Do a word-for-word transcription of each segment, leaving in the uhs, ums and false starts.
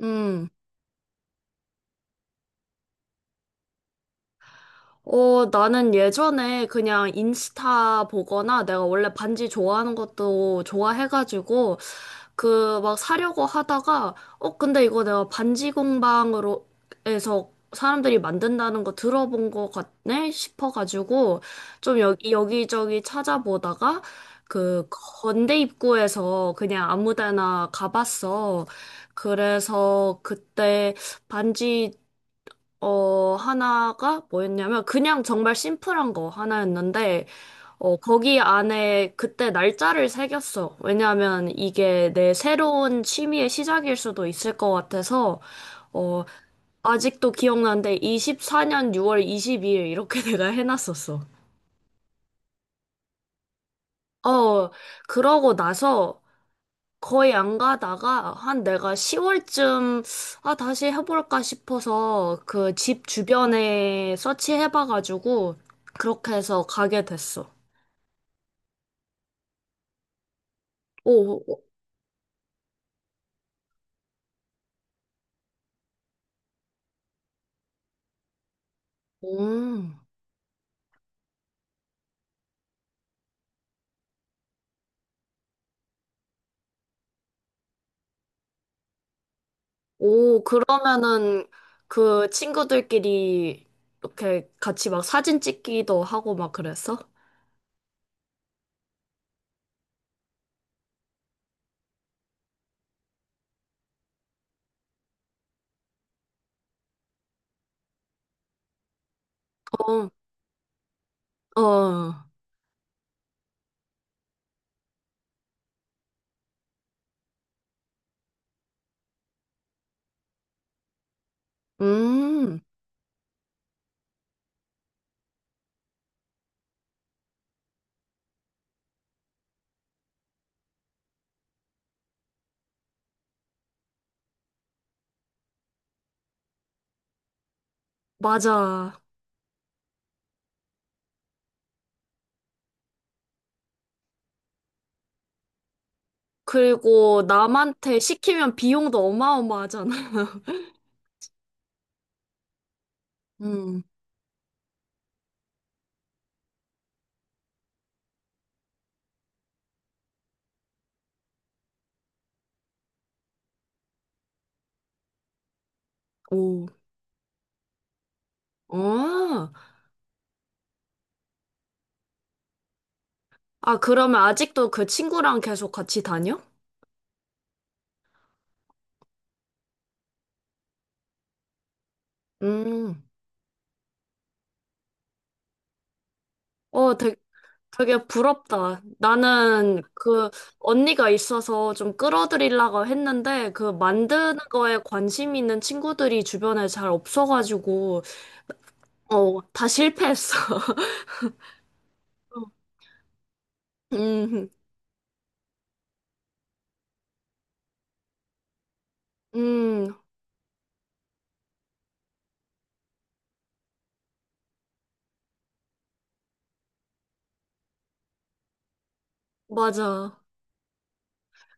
음. 어, 나는 예전에 그냥 인스타 보거나 내가 원래 반지 좋아하는 것도 좋아해가지고 그 막 사려고 하다가 어, 근데 이거 내가 반지 공방으로 해서 사람들이 만든다는 거 들어본 거 같네 싶어가지고 좀 여기, 여기저기 찾아보다가 그 건대 입구에서 그냥 아무 데나 가봤어. 그래서 그때 반지 어, 하나가 뭐였냐면 그냥 정말 심플한 거 하나였는데 어, 거기 안에 그때 날짜를 새겼어. 왜냐하면 이게 내 새로운 취미의 시작일 수도 있을 것 같아서 어, 아직도 기억나는데 이십사 년 유월 이십이 일 이렇게 내가 해놨었어. 어, 그러고 나서 거의 안 가다가 한 내가 시월쯤 아 다시 해볼까 싶어서 그 집 주변에 서치해봐가지고 그렇게 해서 가게 됐어. 오, 오, 오, 오, 그러면은 그 친구들끼리 이렇게 같이 막 사진 찍기도 하고 막 그랬어? 어, 어, 음, 맞아. 그리고 남한테 시키면 비용도 어마어마하잖아. 음, 오, 어. 아, 그러면 아직도 그 친구랑 계속 같이 다녀? 음. 어, 되게, 되게 부럽다. 나는 그 언니가 있어서 좀 끌어들이려고 했는데 그 만드는 거에 관심 있는 친구들이 주변에 잘 없어가지고 어, 다 실패했어. 음, 음, 맞아.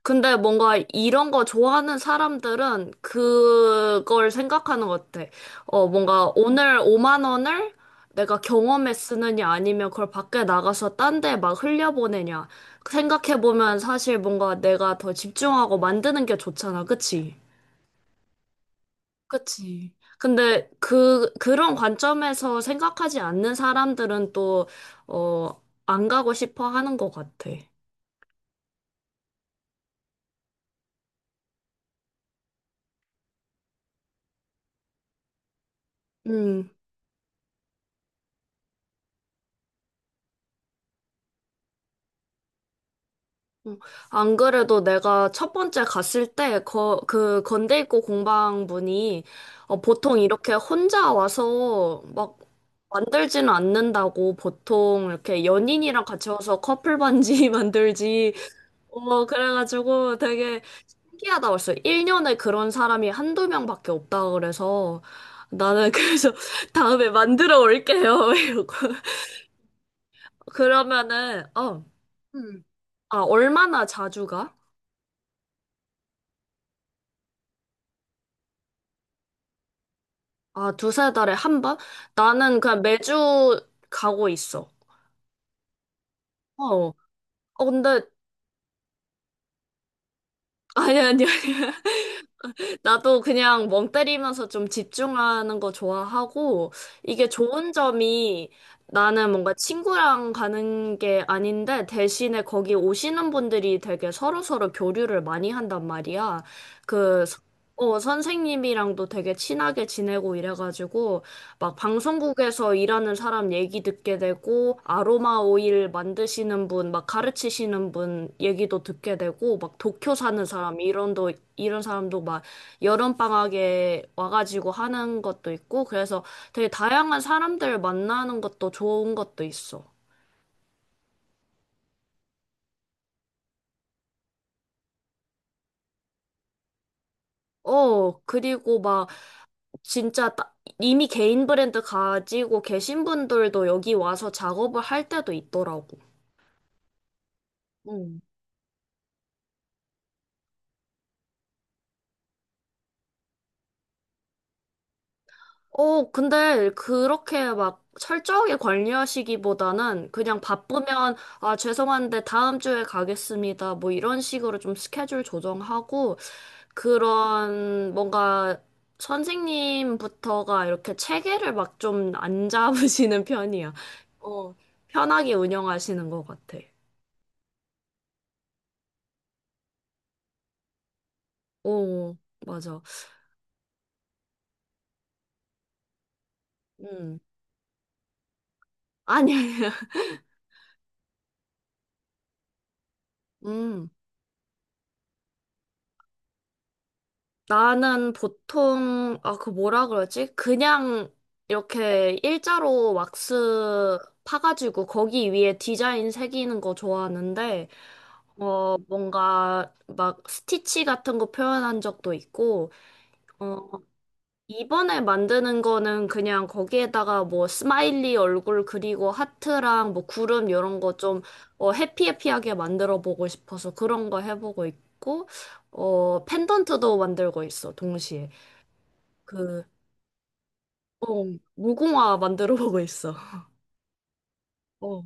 근데 뭔가 이런 거 좋아하는 사람들은 그걸 생각하는 것 같아. 어, 뭔가 오늘 오만 원을 내가 경험에 쓰느냐 아니면 그걸 밖에 나가서 딴데 막 흘려보내냐. 생각해보면 사실 뭔가 내가 더 집중하고 만드는 게 좋잖아. 그치? 그치. 근데 그, 그런 관점에서 생각하지 않는 사람들은 또, 어, 안 가고 싶어 하는 것 같아. 음. 어, 안 그래도 내가 첫 번째 갔을 때, 거, 그, 건대 입구 공방분이, 어, 보통 이렇게 혼자 와서 막 만들지는 않는다고, 보통 이렇게 연인이랑 같이 와서 커플 반지 만들지. 어, 그래가지고 되게 신기하다고 했어. 일 년에 그런 사람이 한두 명밖에 없다 그래서, 나는 그래서 다음에 만들어 올게요. 이러고. 그러면은, 어, 음. 아, 얼마나 자주 가? 아, 두세 달에 한 번? 나는 그냥 매주 가고 있어. 어. 어, 근데, 아니, 아니, 아니. 나도 그냥 멍 때리면서 좀 집중하는 거 좋아하고, 이게 좋은 점이 나는 뭔가 친구랑 가는 게 아닌데, 대신에 거기 오시는 분들이 되게 서로서로 교류를 많이 한단 말이야. 그, 서- 어, 선생님이랑도 되게 친하게 지내고 이래가지고, 막 방송국에서 일하는 사람 얘기 듣게 되고, 아로마 오일 만드시는 분, 막 가르치시는 분 얘기도 듣게 되고, 막 도쿄 사는 사람, 이런, 도, 이런 사람도 막 여름방학에 와가지고 하는 것도 있고, 그래서 되게 다양한 사람들 만나는 것도 좋은 것도 있어. 어, 그리고 막 진짜 따- 이미 개인 브랜드 가지고 계신 분들도 여기 와서 작업을 할 때도 있더라고. 응. 어, 근데 그렇게 막 철저하게 관리하시기보다는 그냥 바쁘면, 아, 죄송한데 다음 주에 가겠습니다. 뭐 이런 식으로 좀 스케줄 조정하고, 그런 뭔가 선생님부터가 이렇게 체계를 막 좀 안 잡으시는 편이야. 어, 편하게 운영하시는 것 같아. 오, 맞아. 음. 아니, 아니야. 음. 나는 보통, 아, 그 뭐라 그러지? 그냥 이렇게 일자로 왁스 파가지고 거기 위에 디자인 새기는 거 좋아하는데, 어, 뭔가 막 스티치 같은 거 표현한 적도 있고, 어, 이번에 만드는 거는 그냥 거기에다가 뭐 스마일리 얼굴 그리고 하트랑 뭐 구름 이런 거 좀, 어, 해피해피하게 만들어 보고 싶어서 그런 거 해보고 있고, 어, 펜던트도 만들고 있어, 동시에. 그, 어, 무궁화 만들어 보고 있어. 어.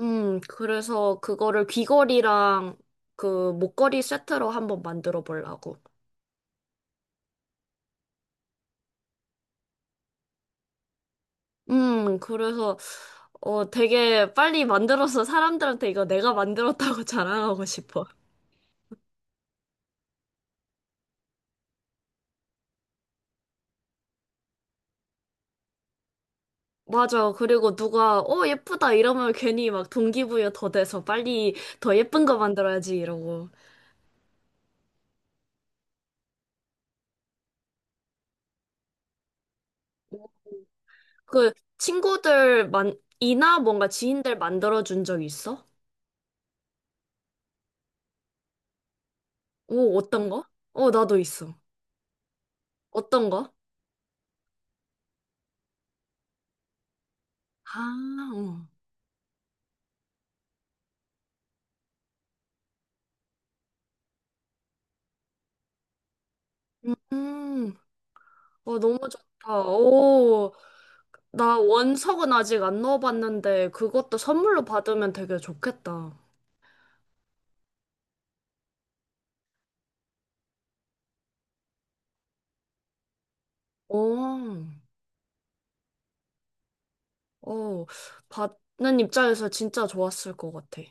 음, 그래서 그거를 귀걸이랑 그 목걸이 세트로 한번 만들어 보려고. 음, 그래서 어 되게 빨리 만들어서 사람들한테 이거 내가 만들었다고 자랑하고 싶어. 맞아. 그리고 누가 어 예쁘다 이러면 괜히 막 동기부여 더 돼서 빨리 더 예쁜 거 만들어야지 이러고. 그 친구들 만 이나 뭔가 지인들 만들어 준 적 있어? 오, 어떤 거? 어, 나도 있어. 어떤 거? 아, 어. 음, 어, 너무 좋다. 오, 나 원석은 아직 안 넣어봤는데 그것도 선물로 받으면 되게 좋겠다. 오, 어, 받는 입장에서 진짜 좋았을 것 같아.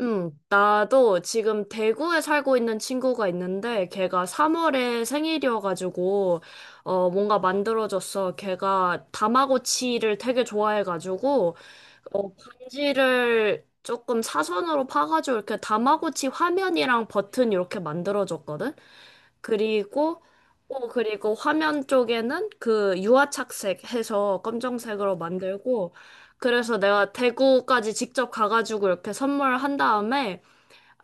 음, 나도 지금 대구에 살고 있는 친구가 있는데 걔가 삼월에 생일이어가지고 어, 뭔가 만들어줬어. 걔가 다마고치를 되게 좋아해가지고 어, 반지를 조금 사선으로 파가지고 이렇게 다마고치 화면이랑 버튼 이렇게 만들어줬거든? 그리고, 어, 그리고 화면 쪽에는 그 유화착색 해서 검정색으로 만들고, 그래서 내가 대구까지 직접 가가지고 이렇게 선물한 다음에,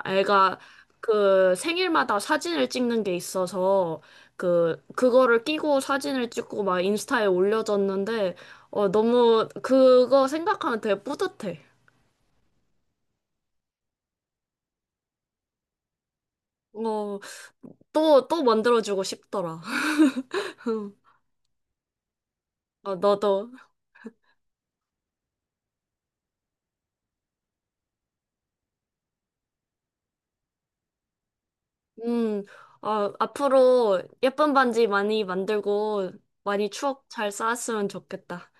애가 그 생일마다 사진을 찍는 게 있어서, 그, 그거를 끼고 사진을 찍고 막 인스타에 올려줬는데, 어, 너무 그거 생각하면 되게 뿌듯해. 어, 또, 또 만들어주고 싶더라. 아, 너도. 음, 아, 앞으로 예쁜 반지 많이 만들고 많이 추억 잘 쌓았으면 좋겠다.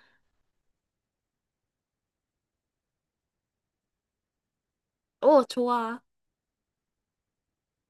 오, 좋아.